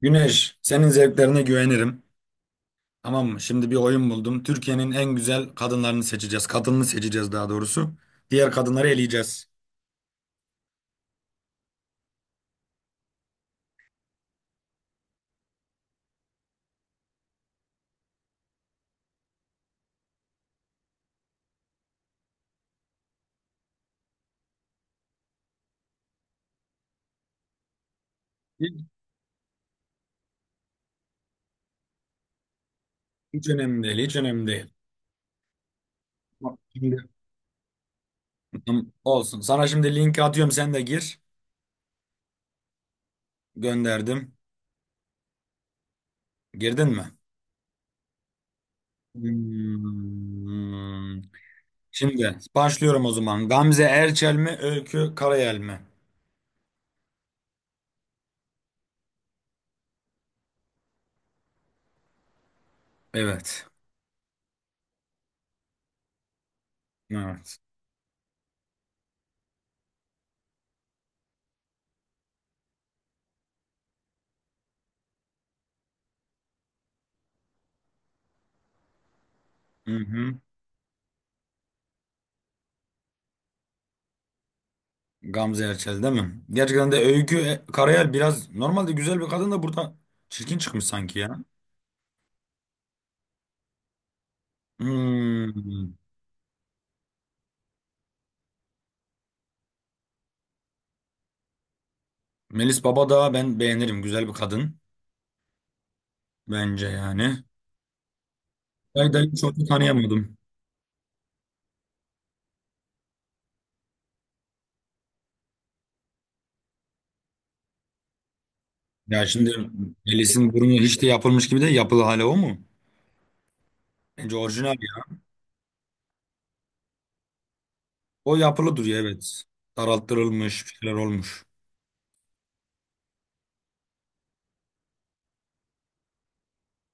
Güneş, senin zevklerine güvenirim. Tamam mı? Şimdi bir oyun buldum. Türkiye'nin en güzel kadınlarını seçeceğiz. Kadını seçeceğiz daha doğrusu. Diğer kadınları eleyeceğiz. Hiç, hiç önemli değil, hiç önemli değil. Bak şimdi, tamam, olsun. Sana şimdi linki atıyorum, sen de gir. Gönderdim. Girdin mi? Hmm. Şimdi başlıyorum o zaman. Gamze Erçel mi, Öykü Karayel mi? Evet. Evet. Hı hı. Gamze Erçel değil mi? Gerçekten de Öykü Karayel biraz normalde güzel bir kadın da burada çirkin çıkmış sanki ya. Hmm. Melis Baba da ben beğenirim. Güzel bir kadın bence yani. Hayda'yı çok da tanıyamadım. Ya şimdi Melis'in burnu hiç de yapılmış gibi de yapılı hale o mu? Bence orijinal ya. O yapılı duruyor, evet. Daralttırılmış bir şeyler olmuş.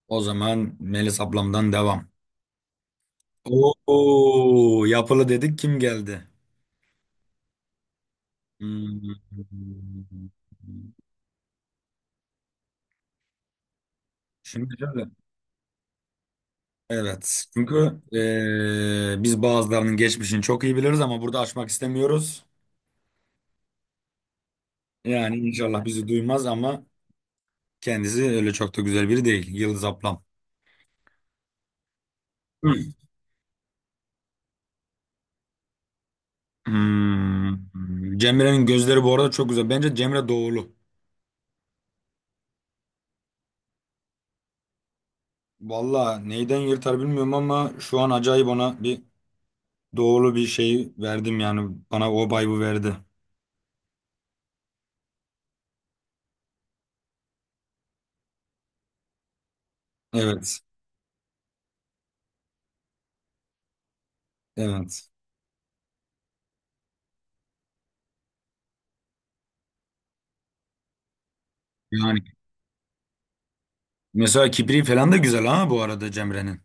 O zaman Melis ablamdan devam. Oo, yapılı dedik kim geldi? Hmm. Şimdi şöyle. Evet. Çünkü biz bazılarının geçmişini çok iyi biliriz ama burada açmak istemiyoruz. Yani inşallah bizi duymaz ama kendisi öyle çok da güzel biri değil. Yıldız ablam. Hmm. Hmm. Cemre'nin gözleri bu arada çok güzel. Bence Cemre doğulu. Valla neyden yırtar bilmiyorum ama şu an acayip ona bir doğulu bir şey verdim yani. Bana o vibe'ı verdi. Evet. Evet. Yani mesela kibri falan da güzel ha bu arada Cemre'nin.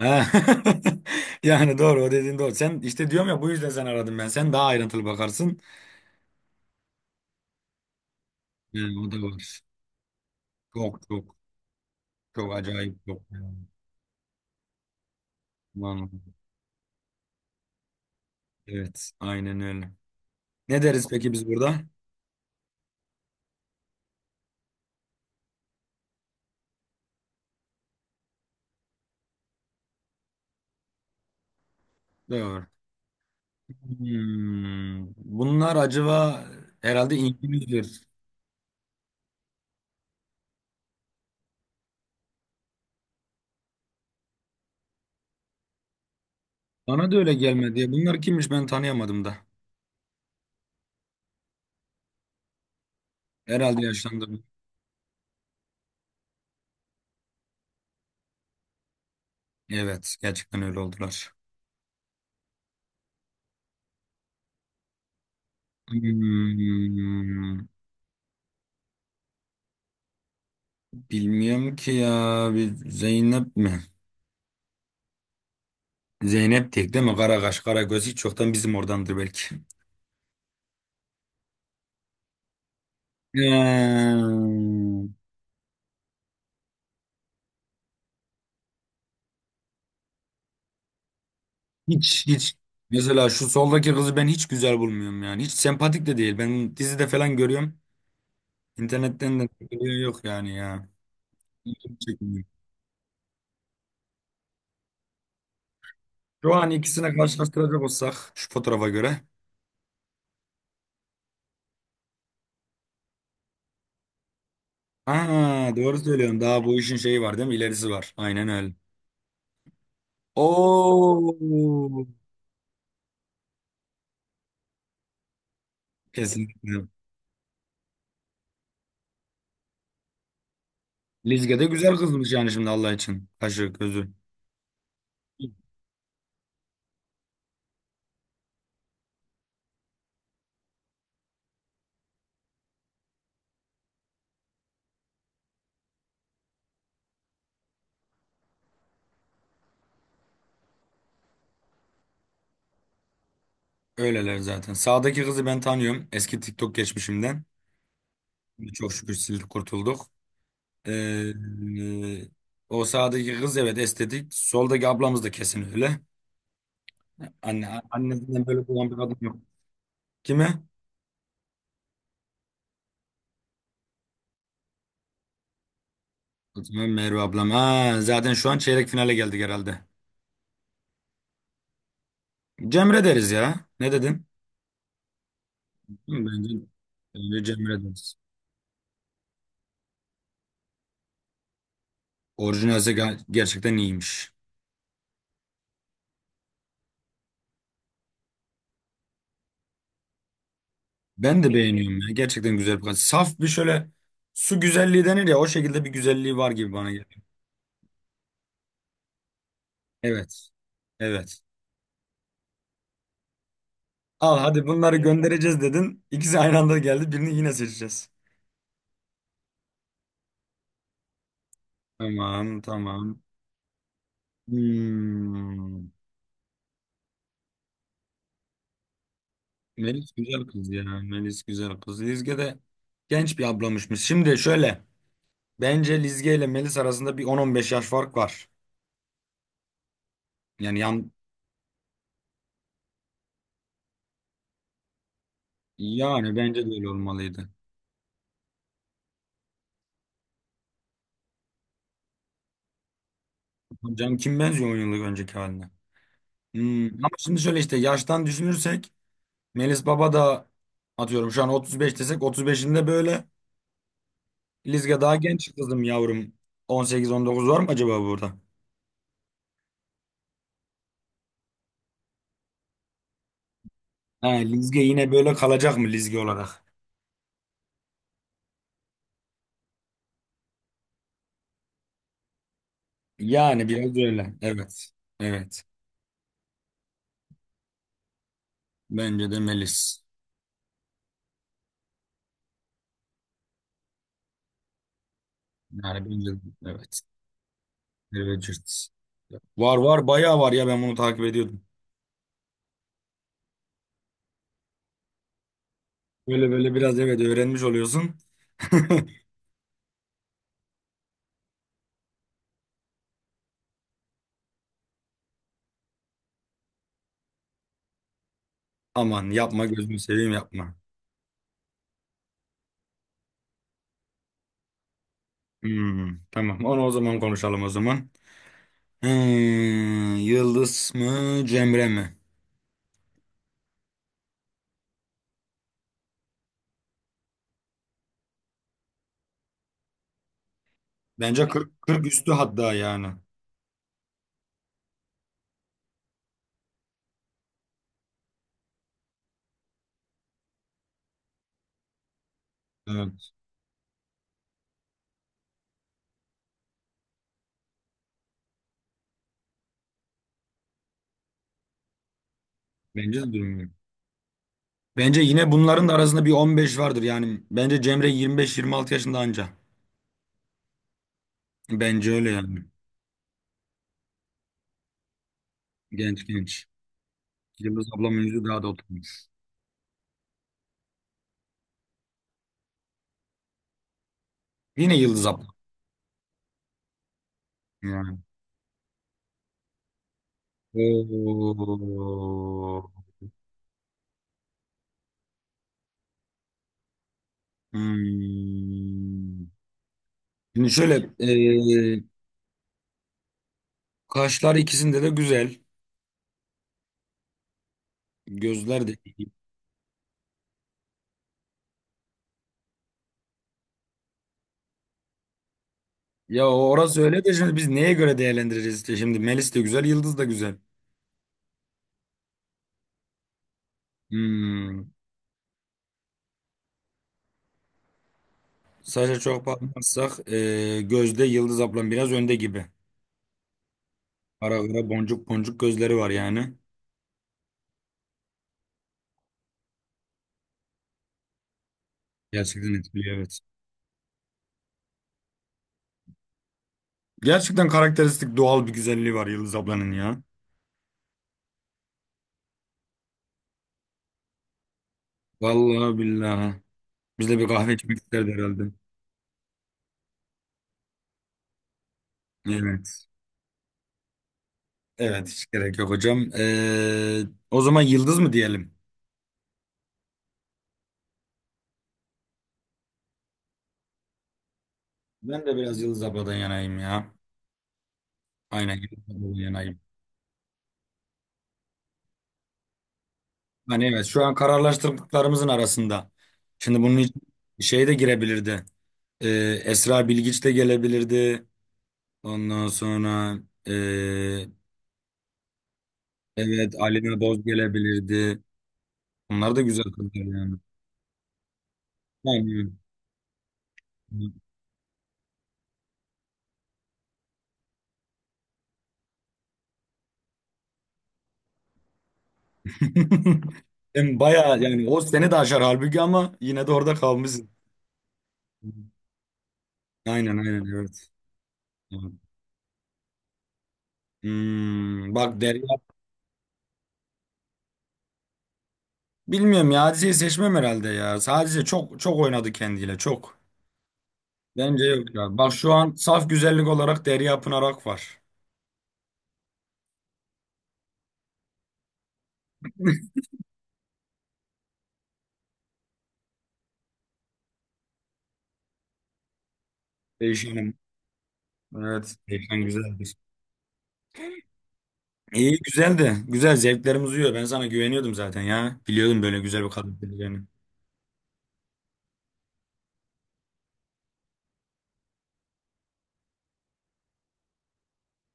He. Yani doğru, o dediğin doğru. Sen işte diyorum ya, bu yüzden sen aradım ben. Sen daha ayrıntılı bakarsın. Yani o da var. Çok çok çok acayip çok. Yani. Vallahi. Evet, aynen öyle. Ne deriz peki biz burada? Doğru. Bunlar acaba herhalde İngilizdir. Bana da öyle gelmedi ya. Bunlar kimmiş, ben tanıyamadım da. Herhalde yaşlandım. Evet, gerçekten öyle oldular. Hmm, Bilmiyorum ki ya. Bir Zeynep mi? Zeynep tek değil mi? Karakaş, Karagöz hiç çoktan bizim oradandır belki. Hmm. Hiç hiç. Mesela şu soldaki kızı ben hiç güzel bulmuyorum yani. Hiç sempatik de değil. Ben dizide falan görüyorum. İnternetten de yok yani ya. İlgimi çekmiyor. Şu an ikisine karşılaştıracak olsak şu fotoğrafa göre. Ha, doğru söylüyorsun. Daha bu işin şeyi var değil mi? İlerisi var. Aynen öyle. Oo. Kesinlikle. Lizge de güzel kızmış yani şimdi Allah için. Kaşı, gözü. Öyleler zaten. Sağdaki kızı ben tanıyorum. Eski TikTok geçmişimden. Çok şükür sildik, kurtulduk. Ee, e, O sağdaki kız evet estetik. Soldaki ablamız da kesin öyle. Annesinden böyle olan bir kadın yok. Kime? O zaman Merve ablam. Ha, zaten şu an çeyrek finale geldik herhalde. Cemre deriz ya. Ne dedin? Hı, bence Cemre deriz. Orijinalse gerçekten iyiymiş. Ben de beğeniyorum ya. Gerçekten güzel bir kadın. Saf bir şöyle su güzelliği denir ya, o şekilde bir güzelliği var gibi bana geliyor. Evet. Evet. Al hadi bunları göndereceğiz dedin. İkisi aynı anda geldi. Birini yine seçeceğiz. Tamam, tamam. Hmm. Melis güzel kız ya. Melis güzel kız. Lizge de genç bir ablamışmış. Şimdi şöyle. Bence Lizge ile Melis arasında bir 10-15 yaş fark var. Yani yan, yani bence de öyle olmalıydı. Hocam kim benziyor 10 yıllık önceki haline? Ama şimdi şöyle işte yaştan düşünürsek Melis Baba da atıyorum şu an 35 desek 35'inde böyle Lizge daha genç kızım yavrum. 18-19 var mı acaba burada? Ha, Lizge yine böyle kalacak mı Lizge olarak? Yani biraz öyle. Evet. Evet. Bence de Melis. Yani bence de, evet. Richards. Var var bayağı var ya, ben bunu takip ediyordum. Böyle böyle biraz evet öğrenmiş oluyorsun. Aman yapma, gözünü seveyim, yapma. Hmm, tamam. Onu o zaman konuşalım o zaman. Yıldız mı, Cemre mi? Bence 40, 40 üstü hatta yani. Evet. Bence de durmuyor. Bence yine bunların da arasında bir 15 vardır yani. Bence Cemre 25-26 yaşında anca. Bence öyle yani. Genç genç. Yıldız ablamın yüzü daha da oturmuş. Yine Yıldız abla. Yani. Oo. Hmm. Şimdi şöyle, e, kaşlar ikisinde de güzel. Gözler de ya, orası öyle de şimdi biz neye göre değerlendireceğiz işte şimdi Melis de güzel, Yıldız da güzel. Hmm. Saça çok bakmazsak gözde Yıldız ablam biraz önde gibi. Ara ara boncuk boncuk gözleri var yani. Gerçekten etkiliyor evet. Gerçekten karakteristik doğal bir güzelliği var Yıldız ablanın ya. Vallahi billahi. Biz de bir kahve içmek isterdi herhalde. Evet. Evet, hiç gerek yok hocam. E, o zaman Yıldız mı diyelim? Ben de biraz Yıldız abladan yanayım ya. Aynen, Yıldız abladan yanayım. Hani evet şu an kararlaştırdıklarımızın arasında. Şimdi bunun için şey de girebilirdi. Ee, Esra Bilgiç de gelebilirdi. Ondan sonra ee, evet Alina Boz gelebilirdi. Bunlar da güzel kızlar yani. Yani hem bayağı yani o seni de aşar halbuki ama yine de orada kalmışsın. Aynen aynen evet. Bak Derya bilmiyorum ya, Hadise'yi seçmem herhalde ya. Sadece çok çok oynadı kendiyle çok. Bence yok ya. Bak şu an saf güzellik olarak Derya Pınar var. Değişenim. Evet. Değişen güzeldir. İyi, güzeldi. Güzel, zevklerimiz uyuyor. Ben sana güveniyordum zaten ya. Biliyordum böyle güzel bir kadın olacağını.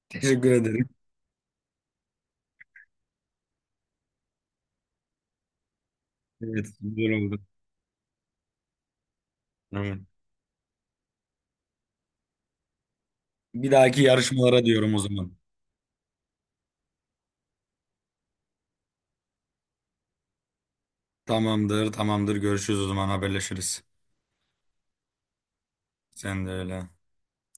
Teşekkür ederim. Evet. Güzel oldu. Evet. Bir dahaki yarışmalara diyorum o zaman. Tamamdır, tamamdır. Görüşürüz o zaman, haberleşiriz. Sen de öyle.